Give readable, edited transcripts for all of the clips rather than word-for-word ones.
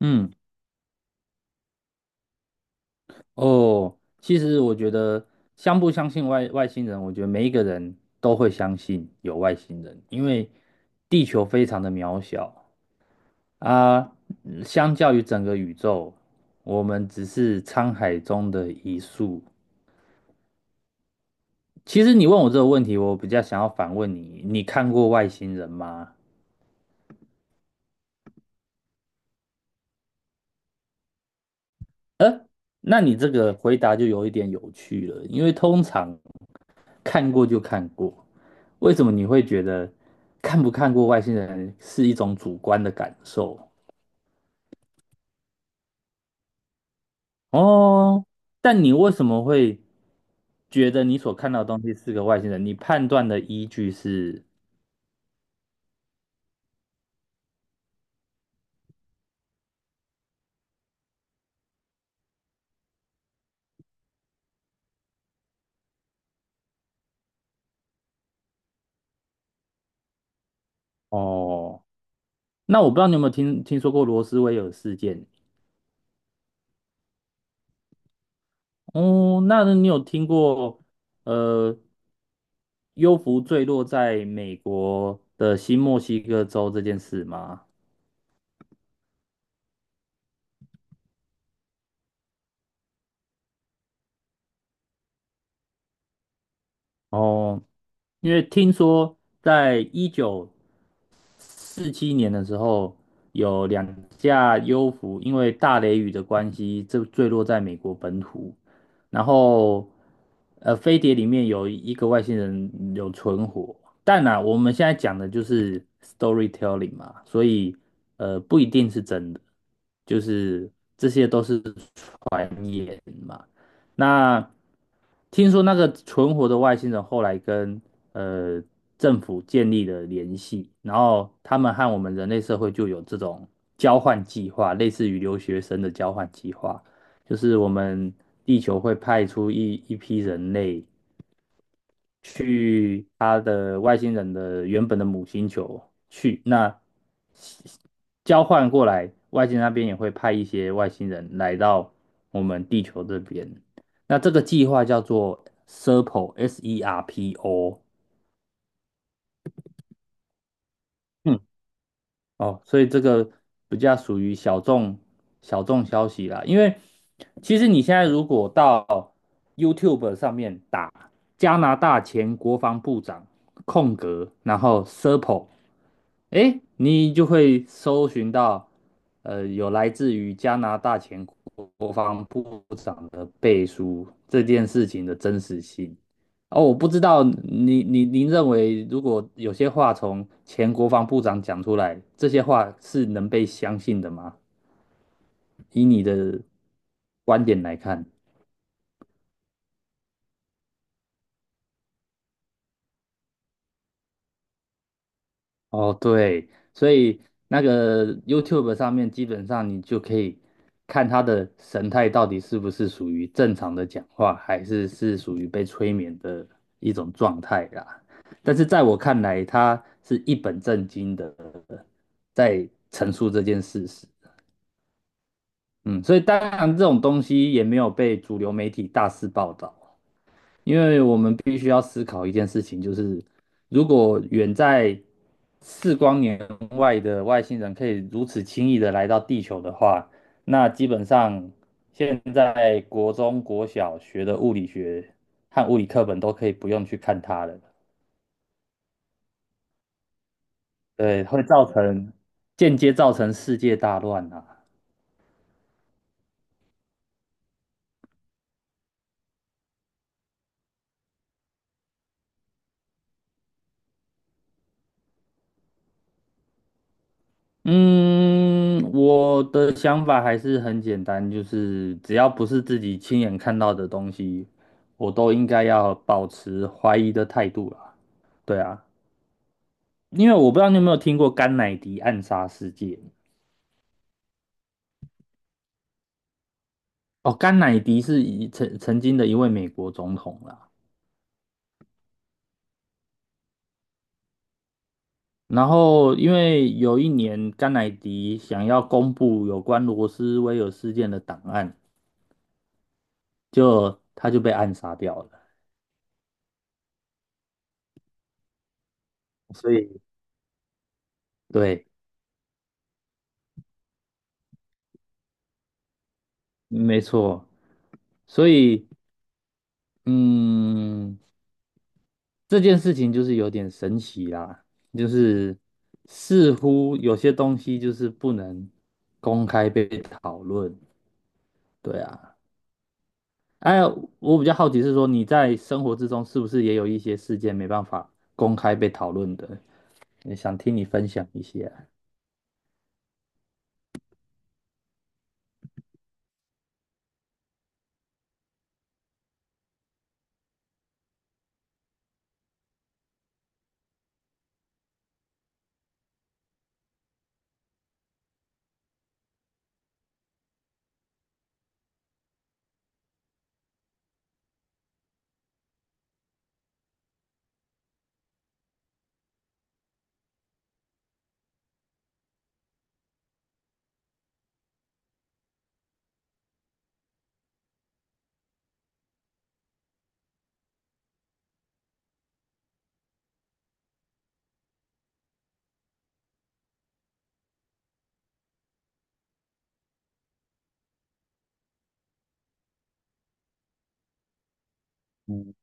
嗯，哦，其实我觉得相不相信外星人，我觉得每一个人都会相信有外星人，因为地球非常的渺小啊，相较于整个宇宙，我们只是沧海中的一粟。其实你问我这个问题，我比较想要反问你，你看过外星人吗？那你这个回答就有一点有趣了，因为通常看过就看过。为什么你会觉得看不看过外星人是一种主观的感受？哦，但你为什么会觉得你所看到的东西是个外星人？你判断的依据是哦，那我不知道你有没有听说过罗斯威尔事件？哦，那你有听过呃幽浮坠落在美国的新墨西哥州这件事吗？哦，因为听说在1947年的时候，有两架 U 服因为大雷雨的关系，这坠落在美国本土。然后，飞碟里面有一个外星人有存活，但呢，我们现在讲的就是 storytelling 嘛，所以不一定是真的，就是这些都是那听说那个存活的外星人后来跟呃政府建立了联系，然后他们和我们人类社会就有这种交换计划，类似于留学生的交换计划，就是我们地球会派出一批人类，去他的外星人的原本的母星球去，那交换过来，外星那边也会派一些外星人来到我们地球这边。那这个计划叫做 SERPO，S E R P O，S E R P O。哦，所以这个比较属于小众消息啦。因为其实你现在如果到 YouTube 上面打加拿大前国防部长空格，然后 Serpo，哎，你就会搜寻到有来自于加拿大前国防部长的背书这件事情的真实性。哦，我不知道您认为，如果有些话从前国防部长讲出来，这些话是能被相信的吗？以你的观点来看，哦，对，所以那个 YouTube 上面基本上你就可以看他的神态到底是不是属于正常的讲话，还是是属于被催眠的一种状态啦。但是在我看来，他是一本正经的在陈述这件事实。嗯，所以当然这种东西也没有被主流媒体大肆报道，因为我们必须要思考一件事情，就是如果远在4光年外的外星人可以如此轻易的来到地球的话，那基本上现在国中国小学的物理学和物理课本都可以不用去看它了，对，会造成间接造成世界大乱啊。嗯，我的想法还是很简单，就是只要不是自己亲眼看到的东西，我都应该要保持怀疑的态度啦。对啊，因为我不知道你有没有听过甘乃迪暗杀事件。哦，甘乃迪是曾经的一位美国总统啦。然后，因为有一年甘乃迪想要公布有关罗斯威尔事件的档案，就他就被暗杀掉了。所以，对。没错，所以嗯，这件事情就是有点神奇啦，就是似乎有些东西就是不能公开被讨论，对啊。哎，我比较好奇是说你在生活之中是不是也有一些事件没办法公开被讨论的？也想听你分享一些啊。嗯，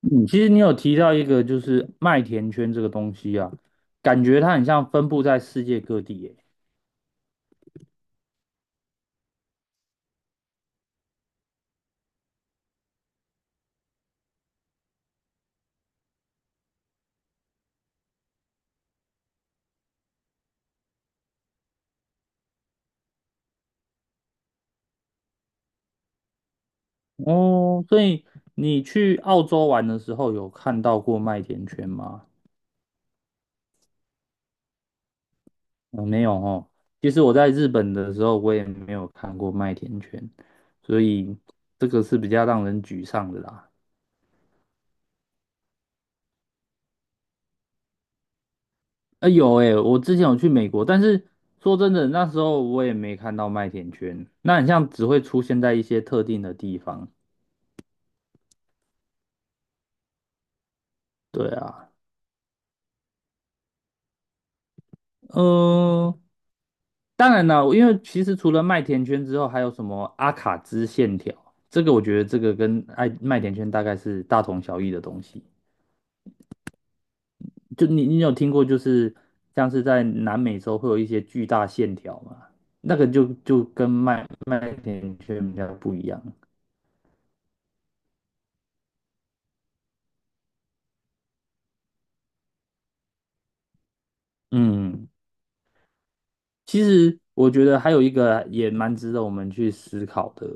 嗯其实你有提到一个就是麦田圈这个东西啊，感觉它很像分布在世界各地耶。哦，所以你去澳洲玩的时候有看到过麦田圈吗？嗯，没有哦。其实我在日本的时候，我也没有看过麦田圈，所以这个是比较让人沮丧的啦。啊、有诶、我之前有去美国，但是说真的，那时候我也没看到麦田圈，那很像只会出现在一些特定的地方。对啊，嗯、当然了，因为其实除了麦田圈之后，还有什么阿卡兹线条，这个我觉得这个跟爱麦田圈大概是大同小异的东西。就你有听过，就是像是在南美洲会有一些巨大线条嘛，那个就跟麦田圈比较不一样。嗯，其实我觉得还有一个也蛮值得我们去思考的，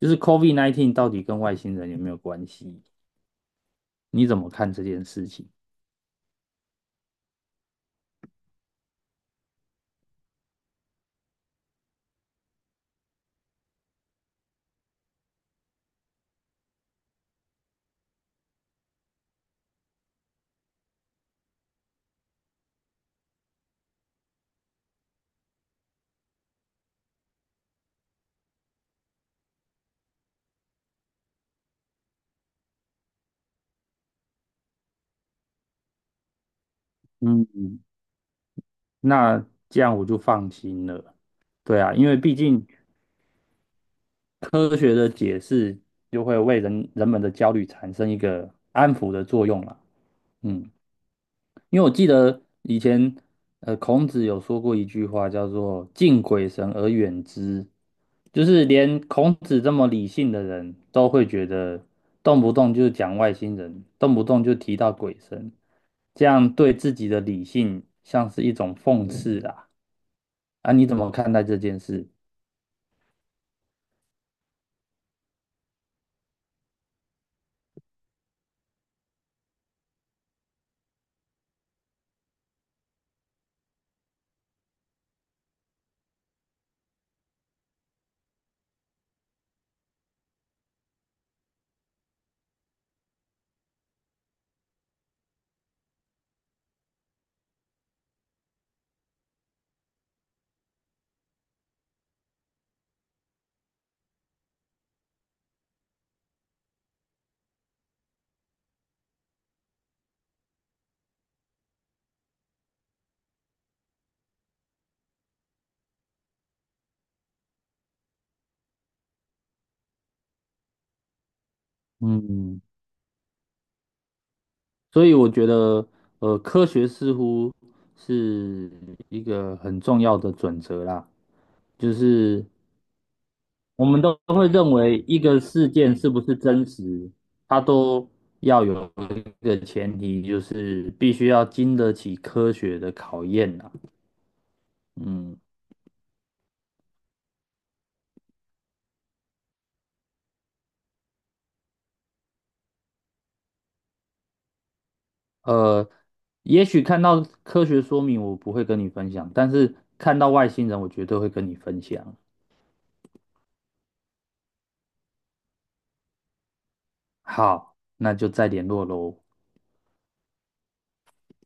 就是 COVID-19 到底跟外星人有没有关系？你怎么看这件事情？嗯。那这样我就放心了。对啊，因为毕竟科学的解释就会为人们的焦虑产生一个安抚的作用啦。嗯，因为我记得以前孔子有说过一句话叫做"敬鬼神而远之"，就是连孔子这么理性的人都会觉得动不动就讲外星人，动不动就提到鬼神，这样对自己的理性像是一种讽刺啦。啊，你怎么看待这件事？嗯，所以我觉得，科学似乎是一个很重要的准则啦，就是我们都会认为一个事件是不是真实，它都要有一个前提，就是必须要经得起科学的考验啦。嗯，呃，也许看到科学说明我不会跟你分享，但是看到外星人我绝对会跟你分享。好，那就再联络喽。